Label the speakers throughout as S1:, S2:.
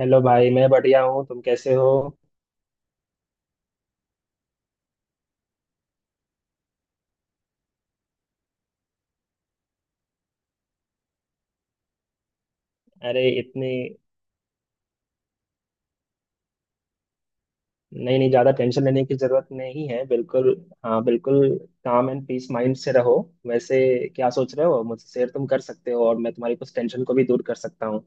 S1: Hello भाई। मैं बढ़िया हूँ, तुम कैसे हो? अरे इतनी? नहीं नहीं, ज़्यादा टेंशन लेने की ज़रूरत नहीं है, बिल्कुल। हाँ बिल्कुल। काम एंड पीस माइंड से रहो। वैसे क्या सोच रहे हो, मुझसे शेयर तुम कर सकते हो और मैं तुम्हारी कुछ टेंशन को भी दूर कर सकता हूँ।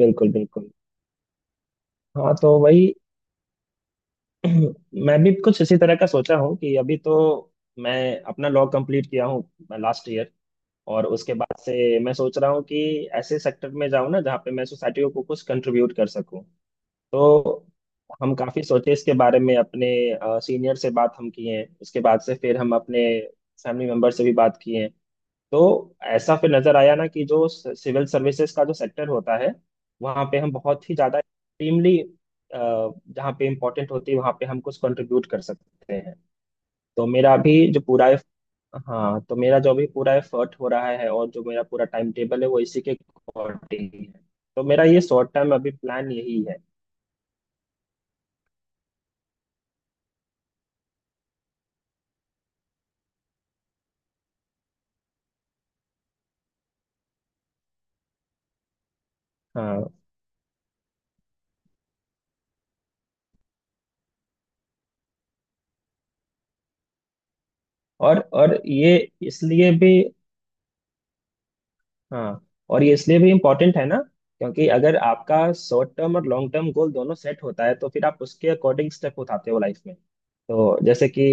S1: बिल्कुल बिल्कुल। हाँ तो वही। मैं भी कुछ इसी तरह का सोचा हूँ कि अभी तो मैं अपना लॉ कंप्लीट किया हूँ लास्ट ईयर। और उसके बाद से मैं सोच रहा हूँ कि ऐसे सेक्टर में जाऊँ ना जहाँ पे मैं सोसाइटी को कुछ कंट्रीब्यूट कर सकूँ। तो हम काफी सोचे इसके बारे में, अपने सीनियर से बात हम किए हैं, उसके बाद से फिर हम अपने फैमिली मेंबर से भी बात किए हैं। तो ऐसा फिर नजर आया ना कि जो सिविल सर्विसेज का जो सेक्टर होता है वहाँ पे हम बहुत ही ज्यादा एक्सट्रीमली जहाँ पे इम्पोर्टेंट होती है वहाँ पे हम कुछ कंट्रीब्यूट कर सकते हैं। तो मेरा अभी जो पूरा, हाँ तो मेरा जो अभी पूरा एफर्ट हो रहा है और जो मेरा पूरा टाइम टेबल है वो इसी के अकॉर्डिंग है। तो मेरा ये शॉर्ट टर्म अभी प्लान यही है। हाँ। और ये इसलिए भी, हाँ और ये इसलिए भी इम्पोर्टेंट है ना क्योंकि अगर आपका शॉर्ट टर्म और लॉन्ग टर्म गोल दोनों सेट होता है तो फिर आप उसके अकॉर्डिंग स्टेप उठाते हो लाइफ में। तो जैसे कि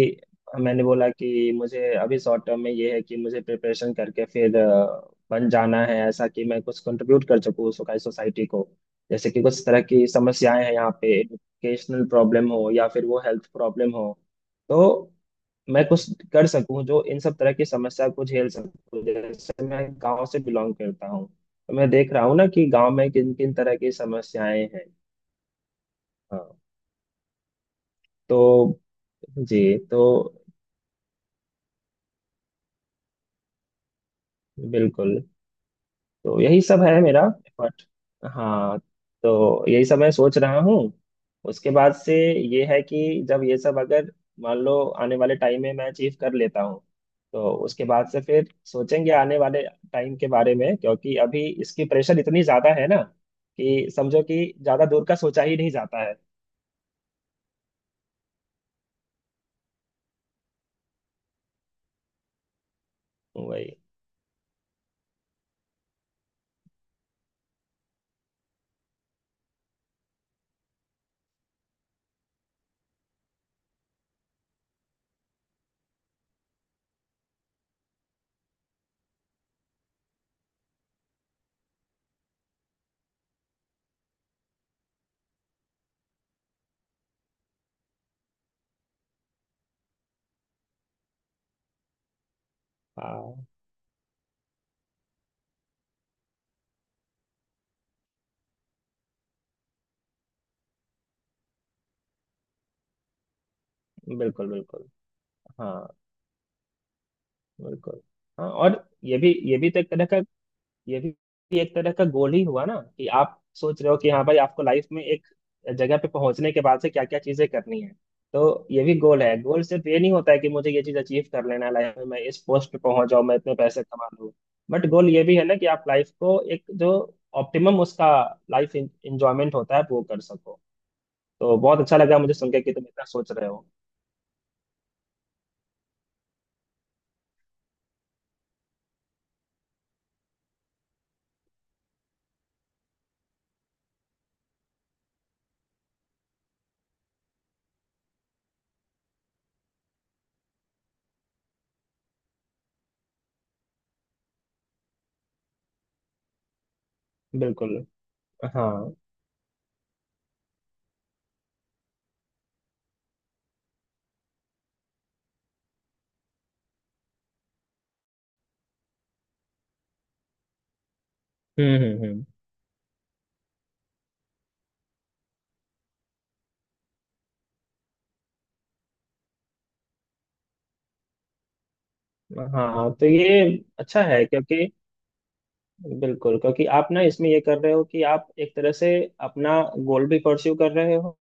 S1: मैंने बोला कि मुझे अभी शॉर्ट टर्म में ये है कि मुझे प्रिपरेशन करके फिर बन जाना है ऐसा कि मैं कुछ कंट्रीब्यूट कर सकूँ सोसाइटी को। जैसे कि कुछ तरह की समस्याएं हैं यहाँ पे, एजुकेशनल प्रॉब्लम हो या फिर वो हेल्थ प्रॉब्लम हो। तो मैं कुछ कर सकूं जो इन सब तरह की समस्या को झेल सकूं। जैसे मैं गांव से बिलोंग करता हूं तो मैं देख रहा हूं ना कि गांव में किन किन तरह की समस्याएं हैं। हाँ। तो जी, तो बिल्कुल। तो यही सब है मेरा, बट हाँ, तो यही सब मैं सोच रहा हूँ। उसके बाद से ये है कि जब ये सब अगर, मान लो आने वाले टाइम में मैं अचीव कर लेता हूँ, तो उसके बाद से फिर सोचेंगे आने वाले टाइम के बारे में, क्योंकि अभी इसकी प्रेशर इतनी ज्यादा है ना कि समझो कि ज्यादा दूर का सोचा ही नहीं जाता है। वही। हाँ बिल्कुल बिल्कुल। हाँ बिल्कुल। हाँ। और ये भी तो एक तरह का, ये भी एक तरह का गोल ही हुआ ना कि आप सोच रहे हो कि हाँ भाई आपको लाइफ में एक जगह पे पहुंचने के बाद से क्या क्या चीजें करनी है। तो ये भी गोल है। गोल सिर्फ ये नहीं होता है कि मुझे ये चीज अचीव कर लेना है लाइफ में, मैं इस पोस्ट पे पहुंच जाऊं, मैं इतने पैसे कमा लूं। बट गोल ये भी है ना कि आप लाइफ को एक जो ऑप्टिमम उसका लाइफ एंजॉयमेंट होता है वो कर सको। तो बहुत अच्छा लगा मुझे सुन के कि तुम इतना सोच रहे हो। बिल्कुल। हाँ। हम्म। हाँ तो ये अच्छा है क्योंकि, बिल्कुल क्योंकि आप ना इसमें ये कर रहे हो कि आप एक तरह से अपना गोल भी परस्यू कर रहे हो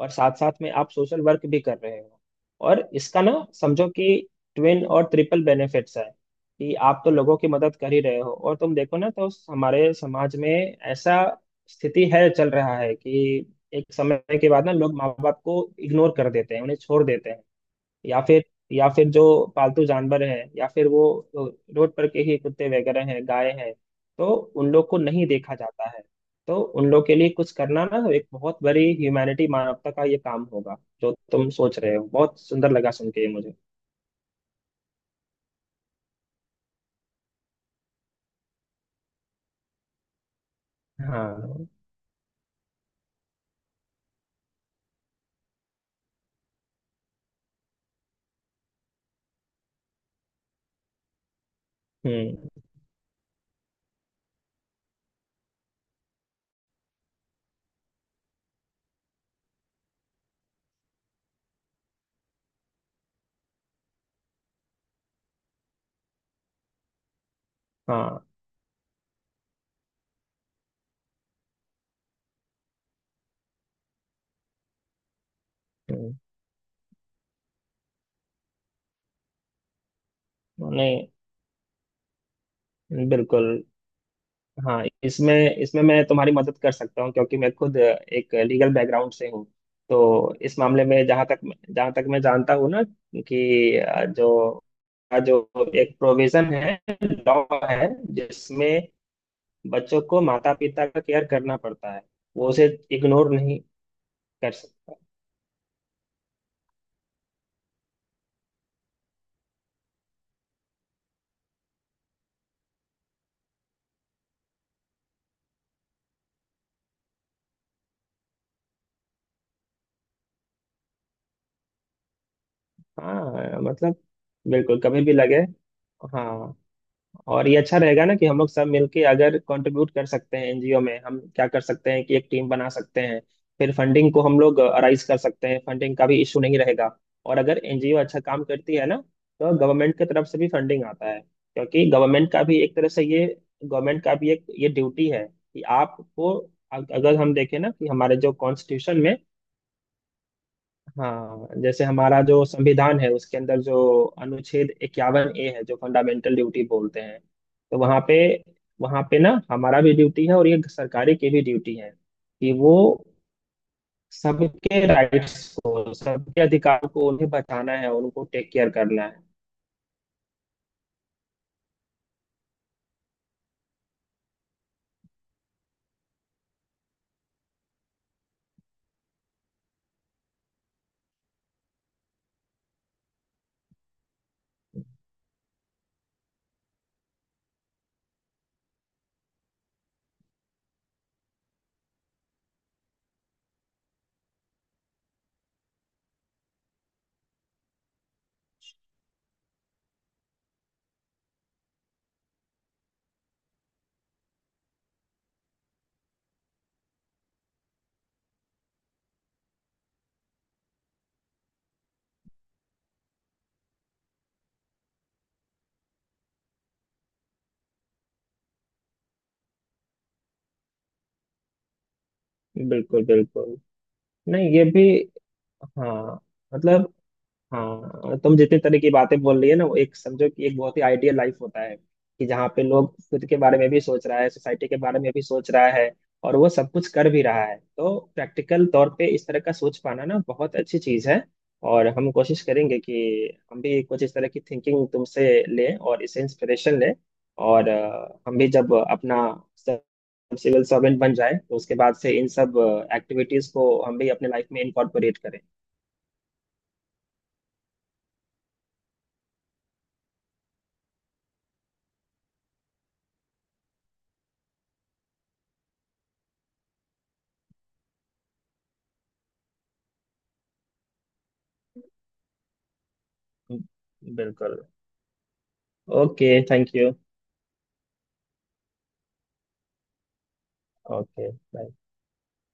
S1: और साथ साथ में आप सोशल वर्क भी कर रहे हो। और इसका ना समझो कि ट्विन और ट्रिपल बेनिफिट्स है कि आप तो लोगों की मदद कर ही रहे हो। और तुम देखो ना तो हमारे समाज में ऐसा स्थिति है चल रहा है कि एक समय के बाद ना लोग माँ बाप को इग्नोर कर देते हैं, उन्हें छोड़ देते हैं। या फिर, या फिर जो पालतू जानवर है या फिर वो रोड पर के ही कुत्ते वगैरह हैं, गाय हैं, तो उन लोग को नहीं देखा जाता है। तो उन लोग के लिए कुछ करना ना एक बहुत बड़ी ह्यूमैनिटी, मानवता का ये काम होगा जो तुम सोच रहे हो। बहुत सुंदर लगा सुन के ये मुझे। हाँ। हम्म। हाँ। हम्म। नहीं बिल्कुल। हाँ इसमें इसमें मैं तुम्हारी मदद कर सकता हूँ क्योंकि मैं खुद एक लीगल बैकग्राउंड से हूँ। तो इस मामले में जहाँ तक मैं जानता हूँ ना कि जो जो एक प्रोविजन है, लॉ है, जिसमें बच्चों को माता पिता का केयर करना पड़ता है, वो उसे इग्नोर नहीं कर सकता। हाँ मतलब बिल्कुल, कभी भी लगे। हाँ। और ये अच्छा रहेगा ना कि हम लोग सब मिलके अगर कंट्रीब्यूट कर सकते हैं एनजीओ में, हम क्या कर सकते हैं कि एक टीम बना सकते हैं, फिर फंडिंग को हम लोग राइज कर सकते हैं, फंडिंग का भी इशू नहीं रहेगा। और अगर एनजीओ अच्छा काम करती है ना तो गवर्नमेंट की तरफ से भी फंडिंग आता है, क्योंकि गवर्नमेंट का भी एक तरह से ये, गवर्नमेंट का भी एक ये ड्यूटी है कि आपको, अगर हम देखें ना कि हमारे जो कॉन्स्टिट्यूशन में, हाँ जैसे हमारा जो संविधान है उसके अंदर जो अनुच्छेद 51 ए है जो फंडामेंटल ड्यूटी बोलते हैं, तो वहाँ पे, वहाँ पे ना हमारा भी ड्यूटी है और ये सरकारी की भी ड्यूटी है कि वो सबके राइट्स को, सबके अधिकार को उन्हें बचाना है, उनको टेक केयर करना है। बिल्कुल बिल्कुल। नहीं ये भी, हाँ मतलब, हाँ तुम जितने तरह की बातें बोल रही है ना वो एक समझो कि एक बहुत ही आइडियल लाइफ होता है कि जहाँ पे लोग खुद के बारे में भी सोच रहा है, सोसाइटी के बारे में भी सोच रहा है और वो सब कुछ कर भी रहा है। तो प्रैक्टिकल तौर पे इस तरह का सोच पाना ना बहुत अच्छी चीज है। और हम कोशिश करेंगे कि हम भी कुछ इस तरह की थिंकिंग तुमसे लें और इससे इंस्पिरेशन लें। और हम भी जब अपना सिविल सर्वेंट बन जाए तो उसके बाद से इन सब एक्टिविटीज को हम भी अपने लाइफ में इंकॉर्पोरेट करें। बिल्कुल। Okay thank you. Okay bye.